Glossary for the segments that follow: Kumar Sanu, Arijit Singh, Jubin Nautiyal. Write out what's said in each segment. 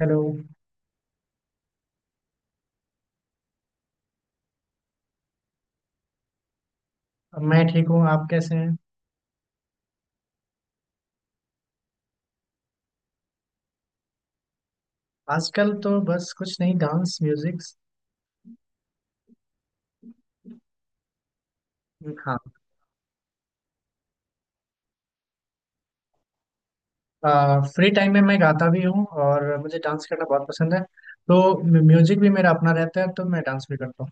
Hello. मैं ठीक हूँ। आप कैसे हैं? आजकल तो बस कुछ नहीं, डांस म्यूजिक। हाँ। फ्री टाइम में मैं गाता भी हूँ और मुझे डांस करना बहुत पसंद है, तो म्यूजिक भी मेरा अपना रहता है, तो मैं डांस भी करता हूँ।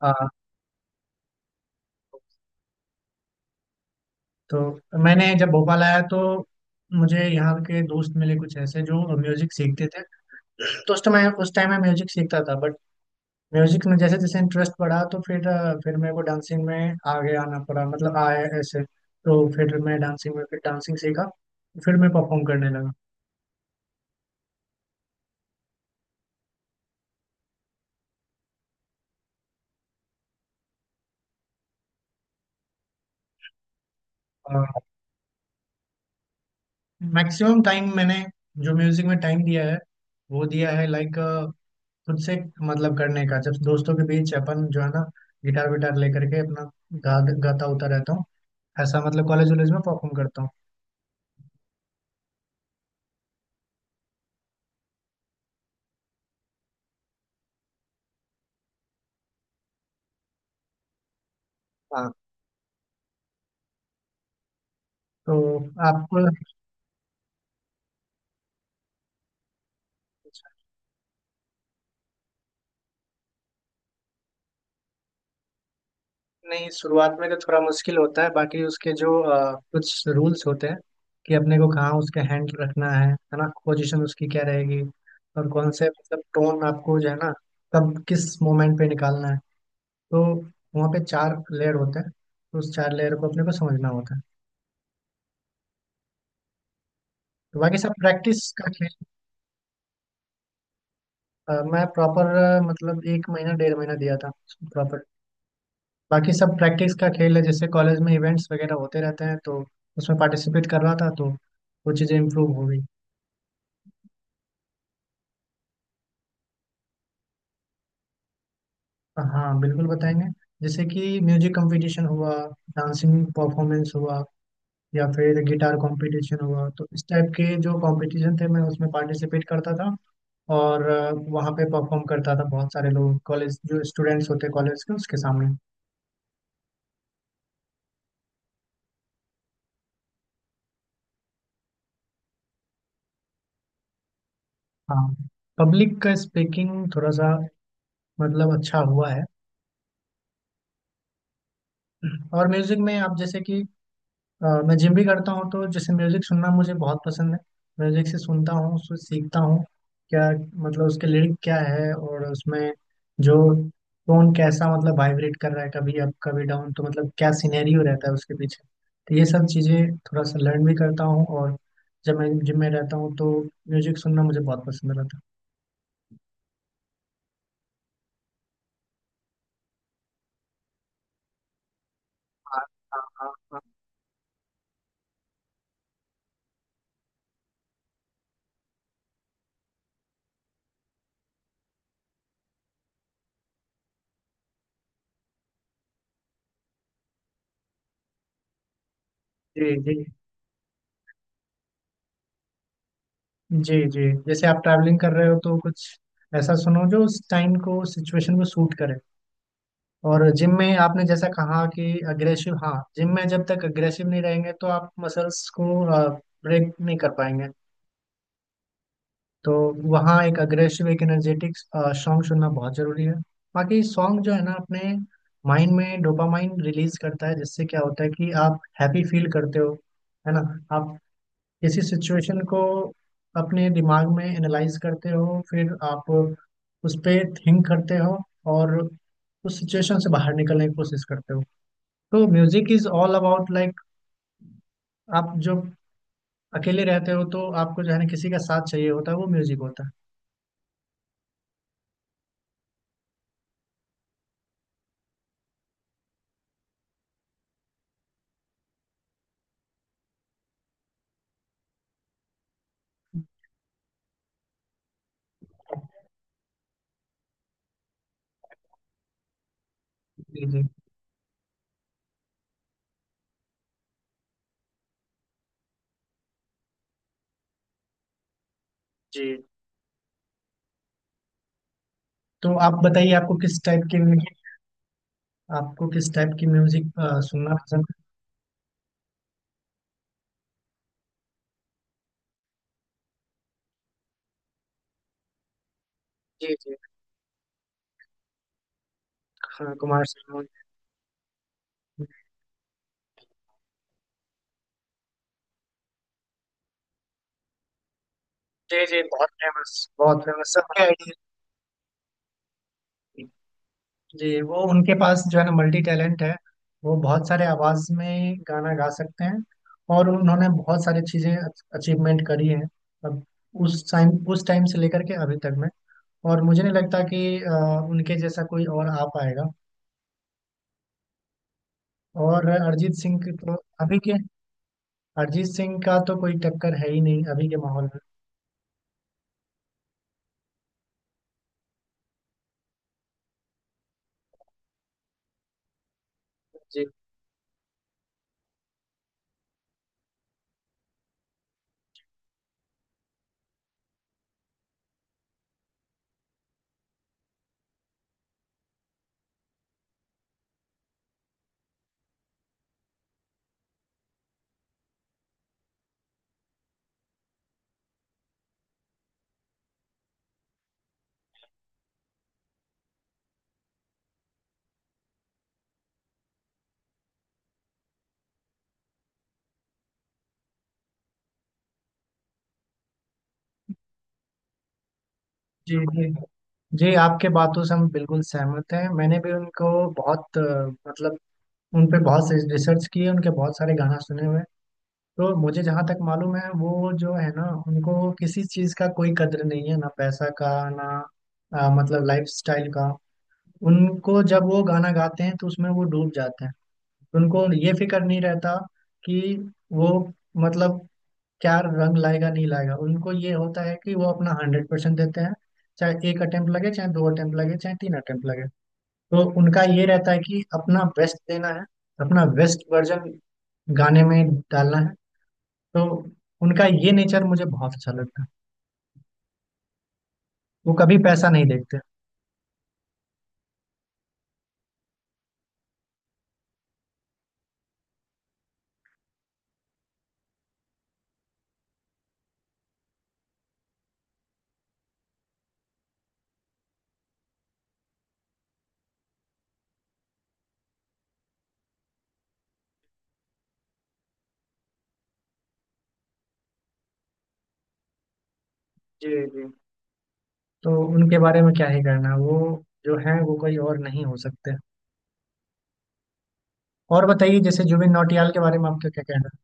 आ, तो मैंने जब भोपाल आया, तो मुझे यहाँ के दोस्त मिले कुछ ऐसे जो म्यूजिक सीखते थे। तो उस टाइम मैं म्यूजिक सीखता था। म्यूजिक में जैसे जैसे इंटरेस्ट बढ़ा, तो फिर मेरे को डांसिंग में आगे आना पड़ा, मतलब आया ऐसे, तो फिर मैं डांसिंग में फिर डांसिंग सीखा। फिर मैं परफॉर्म करने लगा। और मैक्सिमम टाइम मैंने जो म्यूजिक में टाइम दिया है, वो दिया है लाइक खुद से। मतलब करने का जब दोस्तों के बीच अपन जो है ना, गिटार विटार लेकर के अपना गा गाता उता रहता हूँ, ऐसा मतलब कॉलेज वॉलेज में परफॉर्म करता हूँ। हाँ। तो आपको। नहीं, शुरुआत में तो थोड़ा मुश्किल होता है, बाकी उसके जो कुछ रूल्स होते हैं कि अपने को कहाँ उसके हैंड रखना है ना, पोजीशन उसकी क्या रहेगी। और कौन से मतलब टोन आपको जो है ना कब किस मोमेंट पे निकालना है। तो वहाँ पे चार लेयर होते हैं, तो उस चार लेयर को अपने को समझना होता है। तो बाकी सब प्रैक्टिस का खेल। मैं प्रॉपर, मतलब एक महीना डेढ़ महीना दिया था, प्रॉपर। बाकी सब प्रैक्टिस का खेल है, जैसे कॉलेज में इवेंट्स वगैरह होते रहते हैं, तो उसमें पार्टिसिपेट कर रहा था, तो वो चीज़ें इम्प्रूव हो गई। हाँ बिल्कुल बताएंगे। जैसे कि म्यूजिक कंपटीशन हुआ, डांसिंग परफॉर्मेंस हुआ, या फिर गिटार कंपटीशन हुआ, तो इस टाइप के जो कंपटीशन थे, मैं उसमें पार्टिसिपेट करता था। और वहाँ पे परफॉर्म करता था, बहुत सारे लोग कॉलेज, जो स्टूडेंट्स होते कॉलेज के, उसके सामने। हाँ। पब्लिक का स्पीकिंग थोड़ा सा मतलब अच्छा हुआ है। और म्यूजिक में आप जैसे कि मैं जिम भी करता हूँ, तो जैसे म्यूजिक सुनना मुझे बहुत पसंद है। म्यूजिक से सुनता हूँ, उससे सीखता हूँ क्या, मतलब उसके लिरिक क्या है, और उसमें जो टोन कैसा, मतलब वाइब्रेट कर रहा है, कभी अप कभी डाउन, तो मतलब क्या सिनेरियो रहता है उसके पीछे। तो ये सब चीज़ें थोड़ा सा लर्न भी करता हूँ, और जब मैं जिम में रहता हूँ, तो म्यूजिक सुनना मुझे बहुत पसंद रहता है। हाँ, हाँ, हाँ, हाँ। जी, जी, जी, जी। जैसे आप ट्रैवलिंग कर रहे हो, तो कुछ ऐसा सुनो जो उस टाइम को, सिचुएशन को सूट करे। और जिम में आपने जैसा कहा कि अग्रेसिव, हाँ, जिम में जब तक अग्रेसिव नहीं रहेंगे, तो आप मसल्स को ब्रेक नहीं कर पाएंगे। तो वहाँ एक अग्रेसिव, एक एनर्जेटिक सॉन्ग सुनना बहुत जरूरी है। बाकी सॉन्ग जो है ना, अपने माइंड में डोपामाइन रिलीज करता है, जिससे क्या होता है कि आप हैप्पी फील करते हो, है ना। आप किसी सिचुएशन को अपने दिमाग में एनालाइज करते हो, फिर आप उस पर थिंक करते हो, और उस सिचुएशन से बाहर निकलने की कोशिश करते हो। तो music is all about like, आप जो अकेले रहते हो, तो आपको जो है ना किसी का साथ चाहिए होता है, वो म्यूजिक होता है। जी, जी, जी। तो आप बताइए, आपको किस टाइप की म्यूजिक सुनना पसंद है? जी, जी। हाँ, कुमार सानू। जी, जी, बहुत फेमस, बहुत फेमस, सबके आइडिया। जी, वो उनके पास जो है ना, मल्टी टैलेंट है। वो बहुत सारे आवाज में गाना गा सकते हैं, और उन्होंने बहुत सारी चीजें अचीवमेंट करी है अब। उस टाइम से लेकर के अभी तक में, और मुझे नहीं लगता कि अ, उनके जैसा कोई और आ पाएगा। और अरिजीत सिंह की तो, अभी के अरिजीत सिंह का तो कोई टक्कर है ही नहीं अभी के माहौल में। जी, जी, जी, जी। आपके बातों से हम बिल्कुल सहमत हैं। मैंने भी उनको बहुत मतलब उन पे बहुत से रिसर्च किए, उनके बहुत सारे गाना सुने हुए हैं। तो मुझे जहाँ तक मालूम है, वो जो है ना, उनको किसी चीज़ का कोई कद्र नहीं है, ना पैसा का, ना मतलब लाइफ स्टाइल का। उनको जब वो गाना गाते हैं, तो उसमें वो डूब जाते हैं। उनको ये फिक्र नहीं रहता कि वो मतलब क्या रंग लाएगा, नहीं लाएगा। उनको ये होता है कि वो अपना 100% देते हैं। चाहे एक अटेम्प्ट लगे, चाहे दो अटेम्प्ट लगे, चाहे तीन अटेम्प्ट लगे, तो उनका ये रहता है कि अपना बेस्ट देना है, अपना बेस्ट वर्जन गाने में डालना है। तो उनका ये नेचर मुझे बहुत अच्छा लगता है। वो कभी पैसा नहीं देखते। जी, जी। तो उनके बारे में क्या ही करना, वो जो है, वो कोई और नहीं हो सकते। और बताइए, जैसे जुबिन नौटियाल के बारे में आपका क्या कहना है?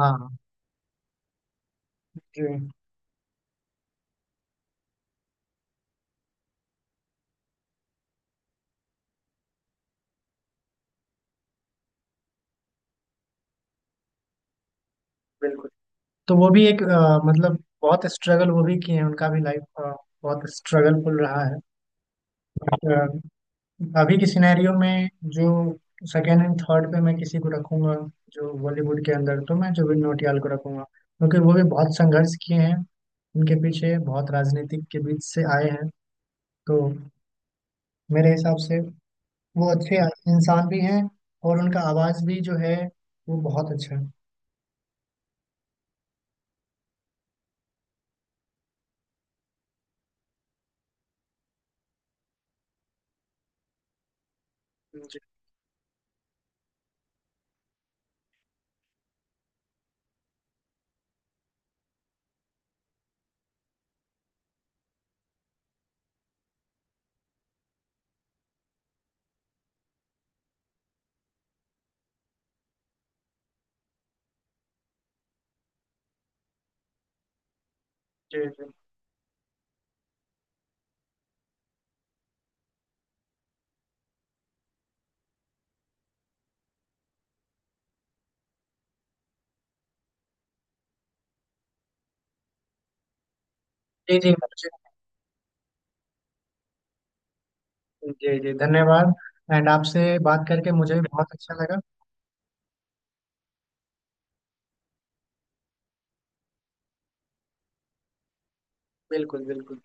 हाँ जी, बिल्कुल। तो वो भी एक मतलब बहुत स्ट्रगल वो भी किए हैं, उनका भी लाइफ बहुत स्ट्रगलफुल रहा है। बट अभी की सिनेरियो में जो सेकेंड एंड थर्ड पे मैं किसी को रखूंगा, जो बॉलीवुड के अंदर, तो मैं जुबिन नौटियाल को रखूंगा, क्योंकि वो भी बहुत संघर्ष किए हैं, उनके पीछे बहुत राजनीतिक के बीच से आए हैं। तो मेरे हिसाब से वो अच्छे इंसान भी हैं, और उनका आवाज भी जो है वो बहुत अच्छा है। जी, जी, जी, जी, जी, जी, जी, धन्यवाद। एंड आपसे बात करके मुझे भी बहुत अच्छा लगा। बिल्कुल, बिल्कुल।